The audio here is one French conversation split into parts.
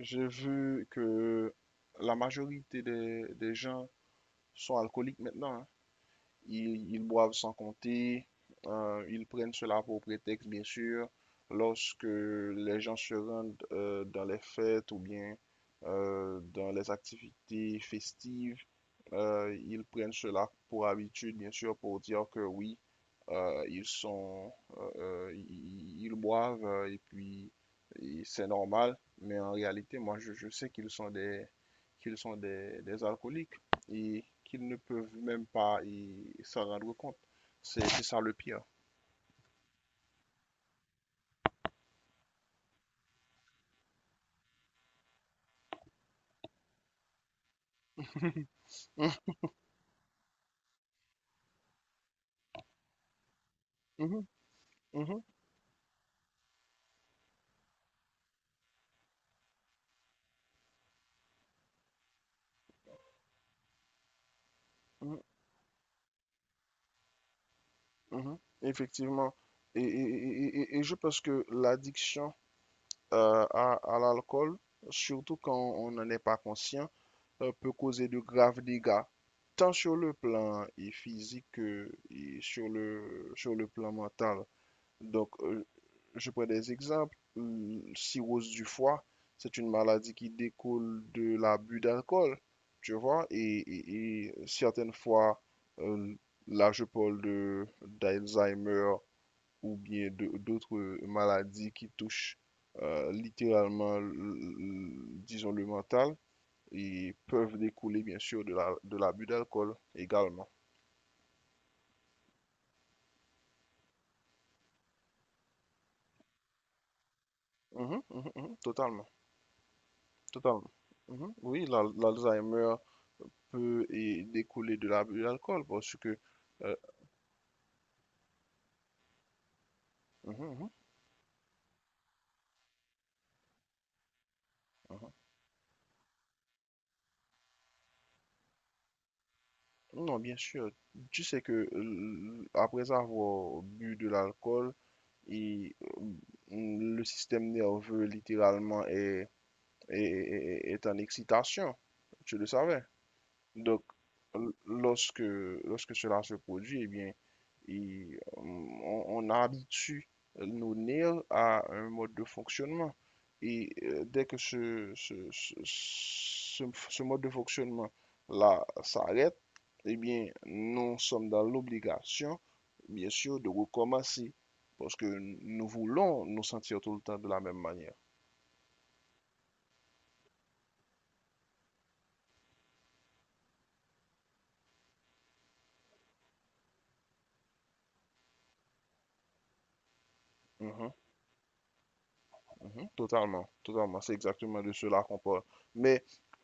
J'ai vu que la majorité des gens sont alcooliques maintenant, hein. Ils boivent sans compter. Ils prennent cela pour prétexte, bien sûr, lorsque les gens se rendent dans les fêtes ou bien dans les activités festives. Ils prennent cela pour habitude, bien sûr, pour dire que oui, ils sont, ils boivent et puis et c'est normal. Mais en réalité, moi, je sais qu'ils sont des alcooliques et qu'ils ne peuvent même pas y s'en rendre compte. C'est ça le pire. Mhm, mhm, mhm, mhm, mhm. Effectivement. Et je pense que l'addiction à l'alcool, surtout quand on n'en est pas conscient, peut causer de graves dégâts, tant sur le plan et physique que et sur sur le plan mental. Donc, je prends des exemples. Cirrhose du foie, c'est une maladie qui découle de l'abus d'alcool, tu vois, et certaines fois, euh, là je parle de d'Alzheimer ou bien d'autres maladies qui touchent littéralement, disons, le mental et peuvent découler, bien sûr, de de l'abus d'alcool également. Mhm, mhm, mhm, totalement, Totalement. Mhm. Oui, l'Alzheimer peut et découler de l'abus d'alcool parce que… euh, mhm, mhm, mhm. Non, bien sûr. Tu sais que après avoir bu de l'alcool, et le système nerveux littéralement est en excitation, tu le savais. Donc, lorsque cela se produit, eh bien, on habitue nos nerfs à un mode de fonctionnement. Et dès que ce mode de fonctionnement-là s'arrête, eh bien, nous sommes dans l'obligation, bien sûr, de recommencer. Parce que nous voulons nous sentir tout le temps de la même manière. Mhm. Mhm. Totalement, totalement. C'est exactement de cela qu'on parle. Mais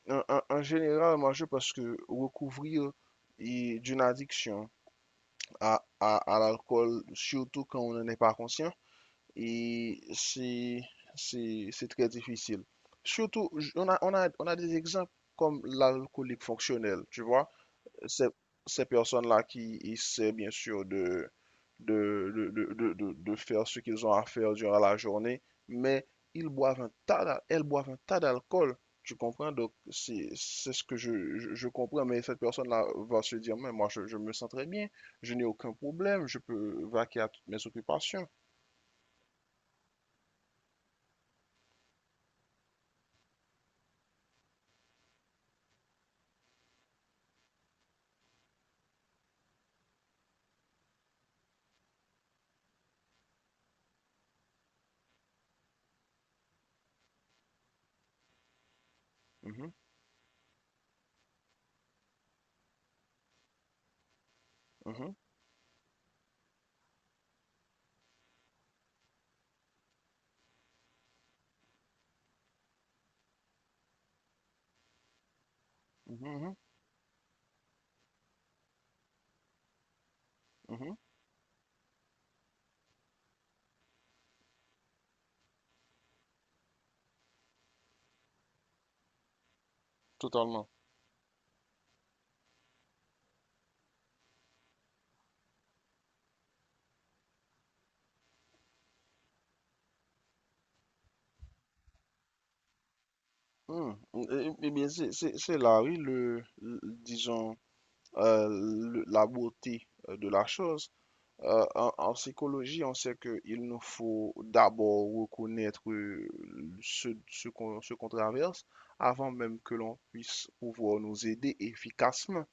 en général, moi, je pense que recouvrir et d'une addiction à l'alcool, surtout quand on n'en est pas conscient, et c'est très difficile. Surtout, on a des exemples comme l'alcoolique fonctionnel, tu vois, ces personnes-là qui essaient bien sûr de faire ce qu'ils ont à faire durant la journée, mais ils boivent un tas, d'a- elles boivent un tas d'alcool. Tu comprends? Donc, c'est ce que je comprends, mais cette personne-là va se dire, mais moi, je me sens très bien, je n'ai aucun problème, je peux vaquer à toutes mes occupations. Mhm, mhm, mhm, mhm, mhm, Totalement. Hmm. Eh bien, c'est là, oui, disons, la beauté de la chose. En psychologie, on sait qu'il nous faut d'abord reconnaître, ce qu'on traverse avant même que l'on puisse pouvoir nous aider efficacement.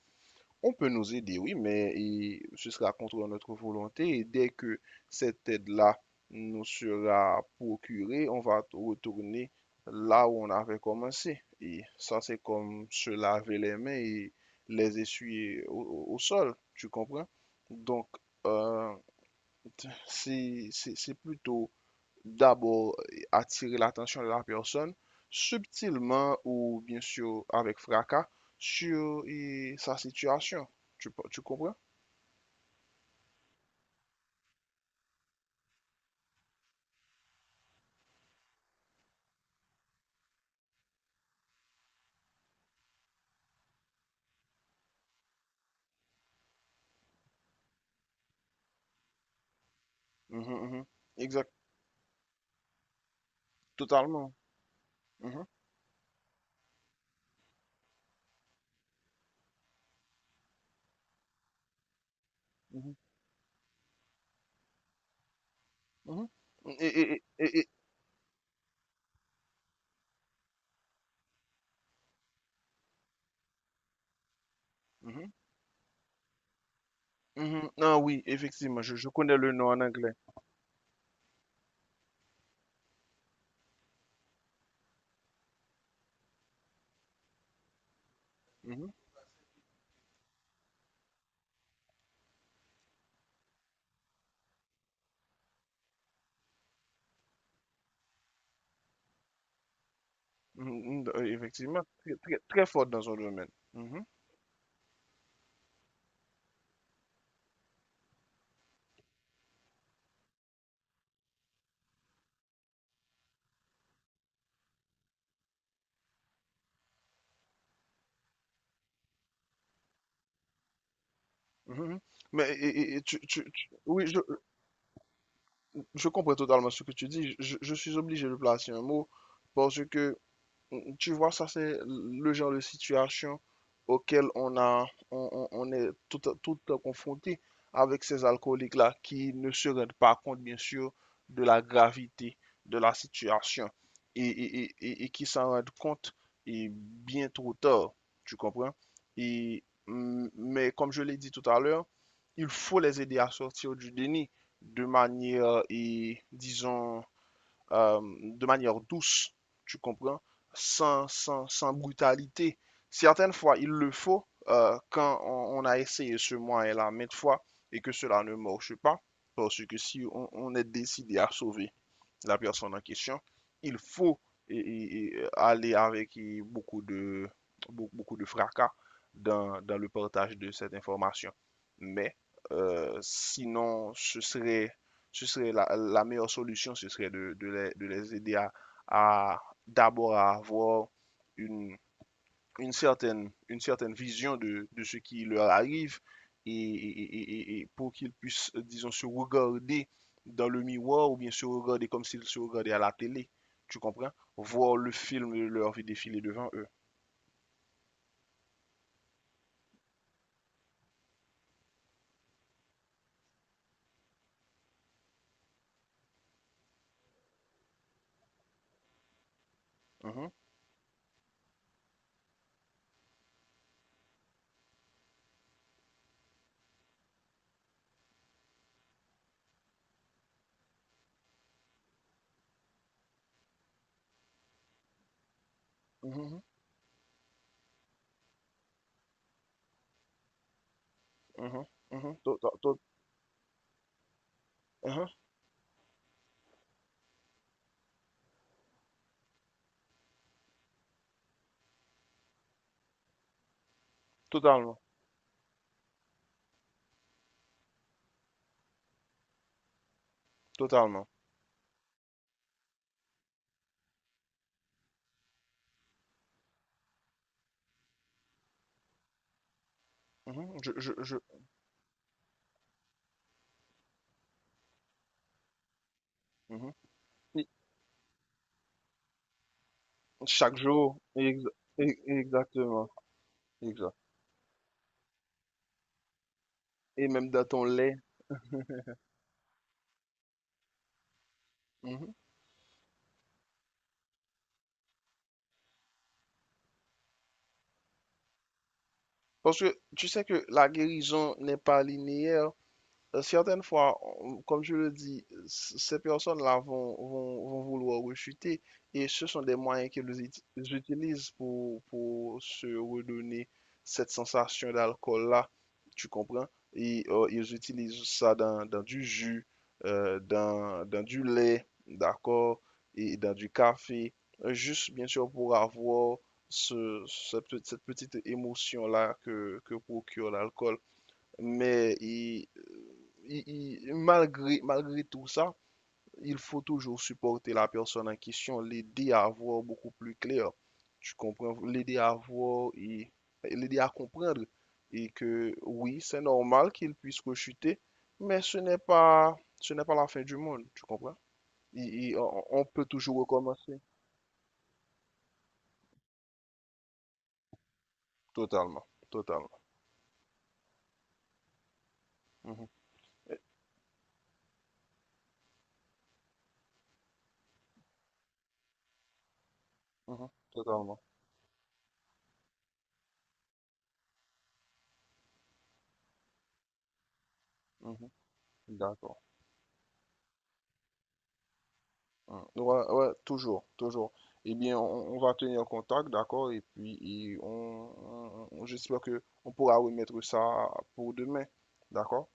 On peut nous aider, oui, mais et ce sera contre notre volonté et dès que cette aide-là nous sera procurée, on va retourner là où on avait commencé. Et ça, c'est comme se laver les mains et les essuyer au sol, tu comprends? Donc, euh, c'est plutôt d'abord attirer l'attention de la personne subtilement ou bien sûr avec fracas sur eh, sa situation. Tu comprends? Mhm, mhm. Exact, totalement. Mhm, mhm, mhm. Et, et- et- et- mhm, mhm. Ah oui, effectivement, je connais le nom en anglais. Mhm, mhm, effectivement, très fort dans son domaine. Mhm, mhm. Mhm. Mais oui, je comprends totalement ce que tu dis. Je suis obligé de placer un mot parce que tu vois, ça c'est le genre de situation auquel on a, on, on est tout confronté avec ces alcooliques-là qui ne se rendent pas compte, bien sûr, de la gravité de la situation et qui s'en rendent compte et bien trop tard, tu comprends? Et, mm, mais comme je l'ai dit tout à l'heure, il faut les aider à sortir du déni de manière, et, disons, de manière douce, tu comprends, sans brutalité. Certaines fois, il le faut quand on a essayé ce moyen-là maintes fois et que cela ne marche pas, parce que si on est décidé à sauver la personne en question, il faut aller avec beaucoup de, beaucoup de fracas dans le partage de cette information. Mais euh, sinon, ce serait, ce serait la meilleure solution, ce serait de, de les aider à, à- d'abord à avoir une, une certaine vision de ce qui leur arrive et, et- et- pour qu'ils puissent, disons, se regarder dans le miroir ou bien se regarder comme s'ils se regardaient à la télé, tu comprends? Voir le film de leur vie défiler devant eux. Mhm, mhm, mhm, mhm. Mhm. Mhm. Totalement, totalement. Mhm. Mhm. Et chaque jour, exactement, exact. Et même dans ton lait. Mhm. Parce que tu sais que la guérison n'est pas linéaire. Euh, certaines fois, comme je le dis, ces personnes-là vont vouloir rechuter et ce sont des moyens qu'ils utilisent pour se redonner cette sensation d'alcool-là, tu comprends? Et ils utilisent ça dans du jus, dans du lait, d'accord, et dans du café, juste bien sûr pour avoir ce, cette cette petite émotion-là que procure l'alcool, mais il- malgré, malgré tout ça, il faut toujours supporter la personne en question, l'aider à voir beaucoup plus clair. Tu comprends? L'aider à voir et l'aider à comprendre. Et que oui, c'est normal qu'il puisse rechuter, mais ce n'est pas la fin du monde, tu comprends? Et on peut toujours recommencer. Totalement, totalement. Mhm, mhm, totalement. Mhm, d'accord. Hmm. Ouais, ouais, toujours, toujours. Eh bien, on va tenir contact, d'accord? Et puis, et j'espère que on pourra remettre ça pour demain, d'accord?